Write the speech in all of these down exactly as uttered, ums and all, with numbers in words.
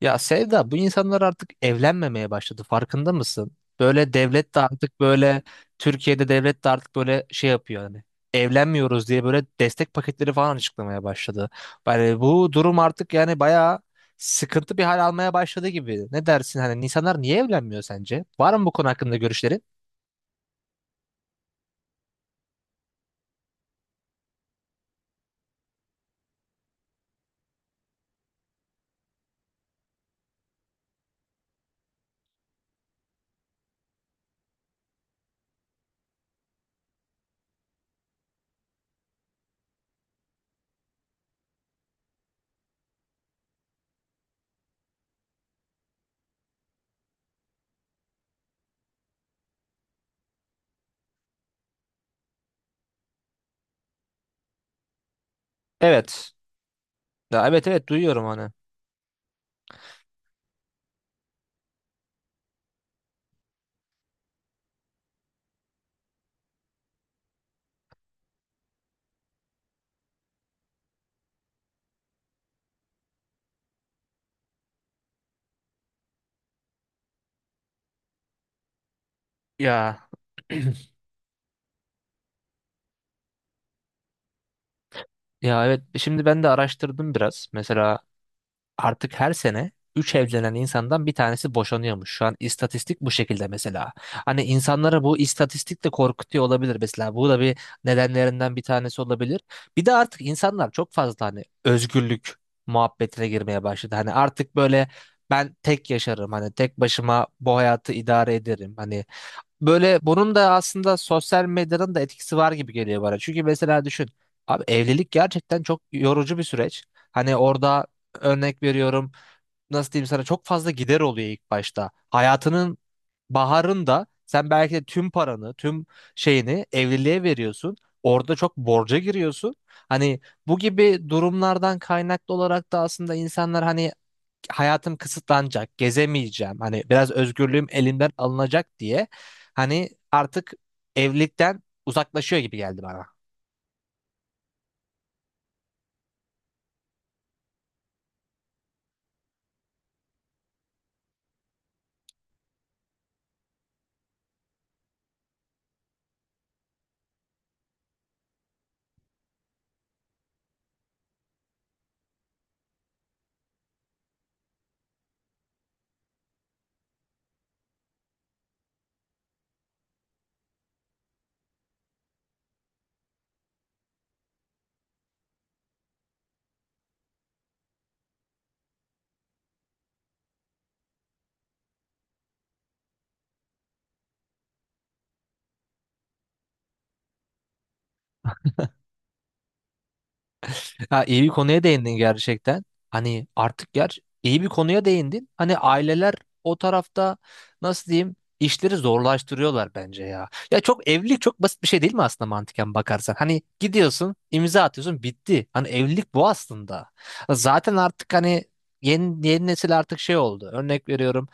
Ya Sevda, bu insanlar artık evlenmemeye başladı, farkında mısın? Böyle devlet de artık böyle Türkiye'de devlet de artık böyle şey yapıyor, hani evlenmiyoruz diye böyle destek paketleri falan açıklamaya başladı. Yani bu durum artık yani bayağı sıkıntı bir hal almaya başladı gibi. Ne dersin, hani insanlar niye evlenmiyor sence? Var mı bu konu hakkında görüşlerin? Evet. Ya, evet, evet, duyuyorum hani. Ya ya, evet, şimdi ben de araştırdım biraz. Mesela artık her sene üç evlenen insandan bir tanesi boşanıyormuş. Şu an istatistik bu şekilde mesela. Hani insanlara bu istatistik de korkutuyor olabilir mesela. Bu da bir nedenlerinden bir tanesi olabilir. Bir de artık insanlar çok fazla hani özgürlük muhabbetine girmeye başladı. Hani artık böyle ben tek yaşarım. Hani tek başıma bu hayatı idare ederim. Hani böyle bunun da aslında sosyal medyanın da etkisi var gibi geliyor bana. Çünkü mesela düşün. Abi evlilik gerçekten çok yorucu bir süreç. Hani orada örnek veriyorum, nasıl diyeyim sana, çok fazla gider oluyor ilk başta. Hayatının baharında sen belki de tüm paranı, tüm şeyini evliliğe veriyorsun. Orada çok borca giriyorsun. Hani bu gibi durumlardan kaynaklı olarak da aslında insanlar hani hayatım kısıtlanacak, gezemeyeceğim. Hani biraz özgürlüğüm elimden alınacak diye hani artık evlilikten uzaklaşıyor gibi geldi bana. Ha, iyi bir konuya değindin gerçekten. Hani artık ger iyi bir konuya değindin. Hani aileler o tarafta nasıl diyeyim işleri zorlaştırıyorlar bence ya. Ya çok evlilik çok basit bir şey değil mi aslında mantıken bakarsan? Hani gidiyorsun, imza atıyorsun, bitti. Hani evlilik bu aslında. Zaten artık hani yeni, yeni nesil artık şey oldu. Örnek veriyorum.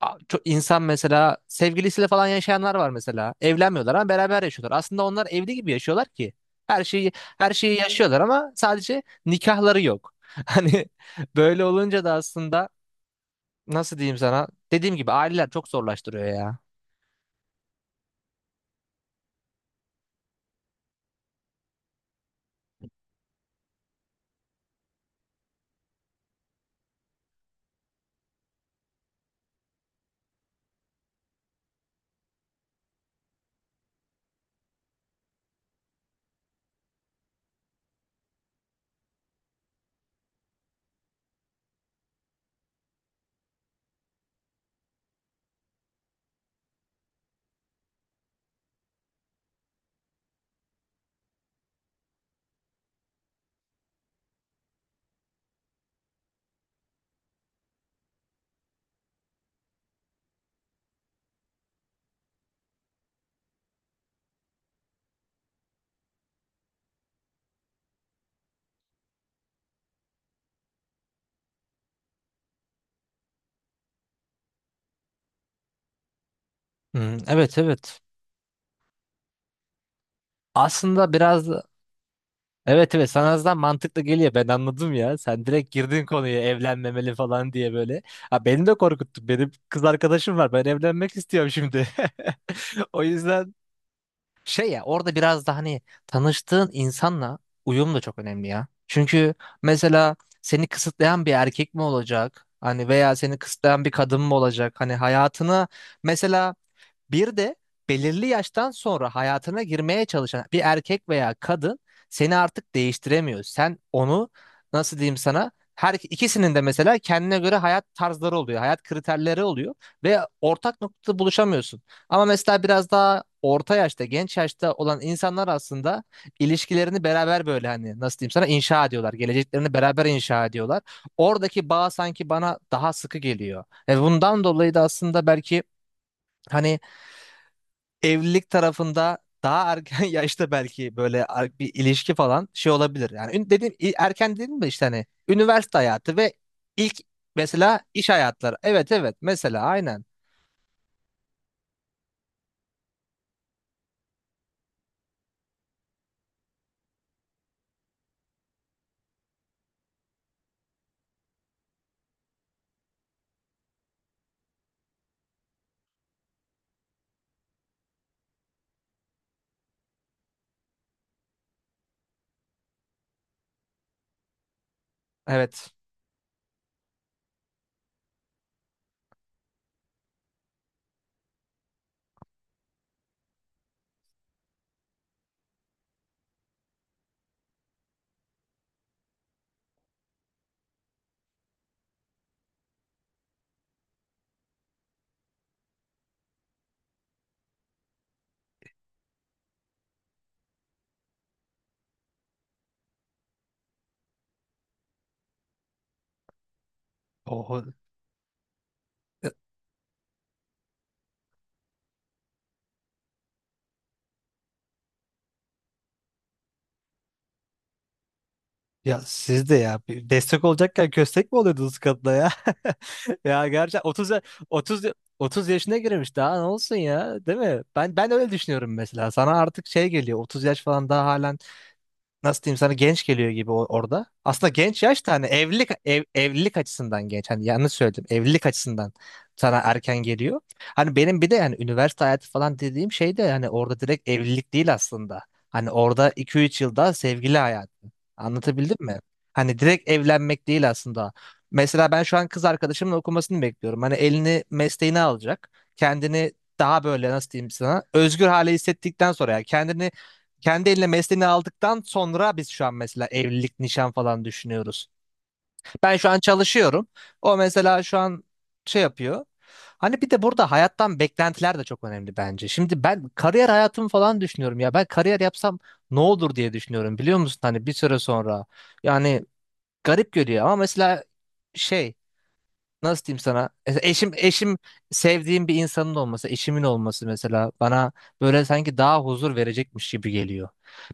a- çok insan mesela sevgilisiyle falan yaşayanlar var mesela. Evlenmiyorlar ama beraber yaşıyorlar. Aslında onlar evli gibi yaşıyorlar ki. Her şeyi, her şeyi yaşıyorlar ama sadece nikahları yok. Hani böyle olunca da aslında nasıl diyeyim sana? Dediğim gibi aileler çok zorlaştırıyor ya. Hmm, evet, evet. Aslında biraz da- evet, evet, sana azdan mantıklı geliyor, ben anladım ya. Sen direkt girdin konuya, evlenmemeli falan diye böyle. Ha, beni de korkuttun. Benim kız arkadaşım var. Ben evlenmek istiyorum şimdi. O yüzden şey, ya, orada biraz da hani tanıştığın insanla uyum da çok önemli ya. Çünkü mesela seni kısıtlayan bir erkek mi olacak? Hani veya seni kısıtlayan bir kadın mı olacak? Hani hayatını, mesela bir de belirli yaştan sonra hayatına girmeye çalışan bir erkek veya kadın seni artık değiştiremiyor. Sen onu, nasıl diyeyim sana, her ikisinin de mesela kendine göre hayat tarzları oluyor, hayat kriterleri oluyor ve ortak noktada buluşamıyorsun. Ama mesela biraz daha orta yaşta, genç yaşta olan insanlar aslında ilişkilerini beraber böyle hani nasıl diyeyim sana inşa ediyorlar. Geleceklerini beraber inşa ediyorlar. Oradaki bağ sanki bana daha sıkı geliyor. Ve bundan dolayı da aslında belki hani evlilik tarafında daha erken yaşta belki böyle ar- bir ilişki falan şey olabilir. Yani ün- dedim i- erken dedim mi işte hani üniversite hayatı ve ilk mesela iş hayatları. Evet, evet, mesela aynen. Evet. Oho. Ya siz de, ya, bir destek olacakken köstek mi oluyordunuz kadına ya? Ya gerçekten otuz ya- otuz ya- otuz yaşına girmiş daha ne olsun ya, değil mi? Ben ben öyle düşünüyorum mesela. Sana artık şey geliyor, otuz yaş falan daha hala nasıl diyeyim sana genç geliyor gibi o- orada. Aslında genç yaş da hani evlilik ev- evlilik açısından genç. Hani yanlış söyledim. Evlilik açısından sana erken geliyor. Hani benim bir de yani üniversite hayatı falan dediğim şey de hani orada direkt evlilik değil aslında. Hani orada iki üç yılda sevgili hayatı. Anlatabildim mi? Hani direkt evlenmek değil aslında. Mesela ben şu an kız arkadaşımın okumasını bekliyorum. Hani elini mesleğine alacak. Kendini daha böyle nasıl diyeyim sana özgür hale hissettikten sonra yani kendini kendi eline mesleğini aldıktan sonra biz şu an mesela evlilik, nişan falan düşünüyoruz. Ben şu an çalışıyorum. O mesela şu an şey yapıyor. Hani bir de burada hayattan beklentiler de çok önemli bence. Şimdi ben kariyer hayatımı falan düşünüyorum ya. Ben kariyer yapsam ne olur diye düşünüyorum biliyor musun? Hani bir süre sonra. Yani garip görüyor ama mesela şey, nasıl diyeyim sana? Mesela Eşim eşim, sevdiğim bir insanın olması, eşimin olması mesela bana böyle sanki daha huzur verecekmiş gibi geliyor.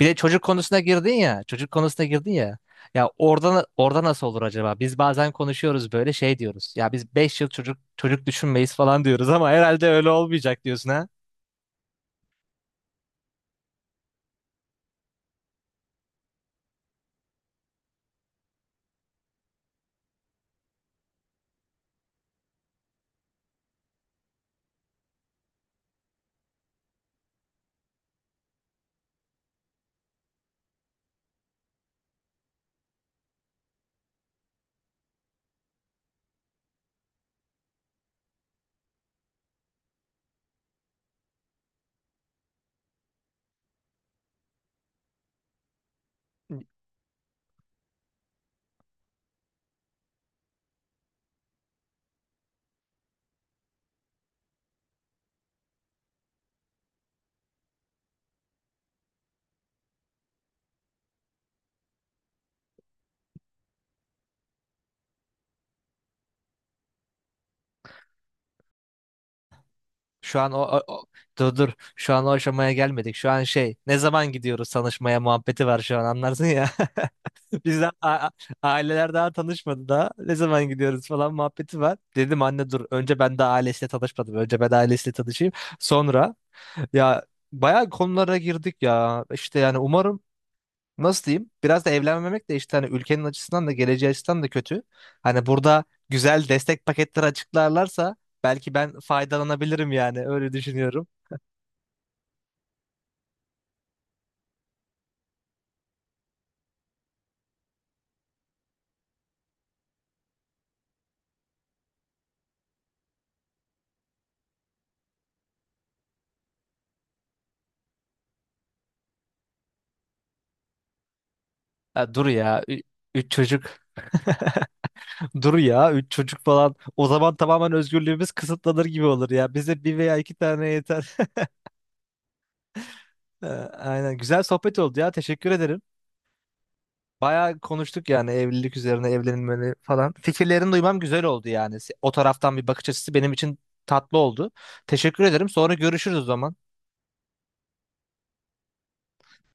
Bir de çocuk konusuna girdin ya, çocuk konusuna girdin ya. Ya, orada orada nasıl olur acaba? Biz bazen konuşuyoruz, böyle şey diyoruz. Ya biz beş yıl çocuk çocuk düşünmeyiz falan diyoruz ama herhalde öyle olmayacak diyorsun ha. Şu an o, o- o- Dur, dur, şu an o aşamaya gelmedik. Şu an şey, ne zaman gidiyoruz tanışmaya muhabbeti var şu an, anlarsın ya. Bizden a- Aileler daha tanışmadı da ne zaman gidiyoruz falan muhabbeti var. Dedim anne dur, önce ben daha ailesiyle tanışmadım. Önce ben ailesiyle tanışayım. Sonra, ya, bayağı konulara girdik ya. İşte yani umarım, nasıl diyeyim? Biraz da evlenmemek de işte hani ülkenin açısından da geleceği açısından da kötü. Hani burada güzel destek paketleri açıklarlarsa belki ben faydalanabilirim yani öyle düşünüyorum. Ya dur ya, ü- üç çocuk. Dur ya, üç çocuk falan. O zaman tamamen özgürlüğümüz kısıtlanır gibi olur ya. Bize bir veya iki tane yeter. Ee, Aynen. Güzel sohbet oldu ya. Teşekkür ederim. Bayağı konuştuk yani evlilik üzerine evlenilmeli falan. Fikirlerini duymam güzel oldu yani. Se- O taraftan bir bakış açısı benim için tatlı oldu. Teşekkür ederim. Sonra görüşürüz o zaman.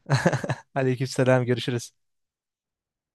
Aleykümselam görüşürüz.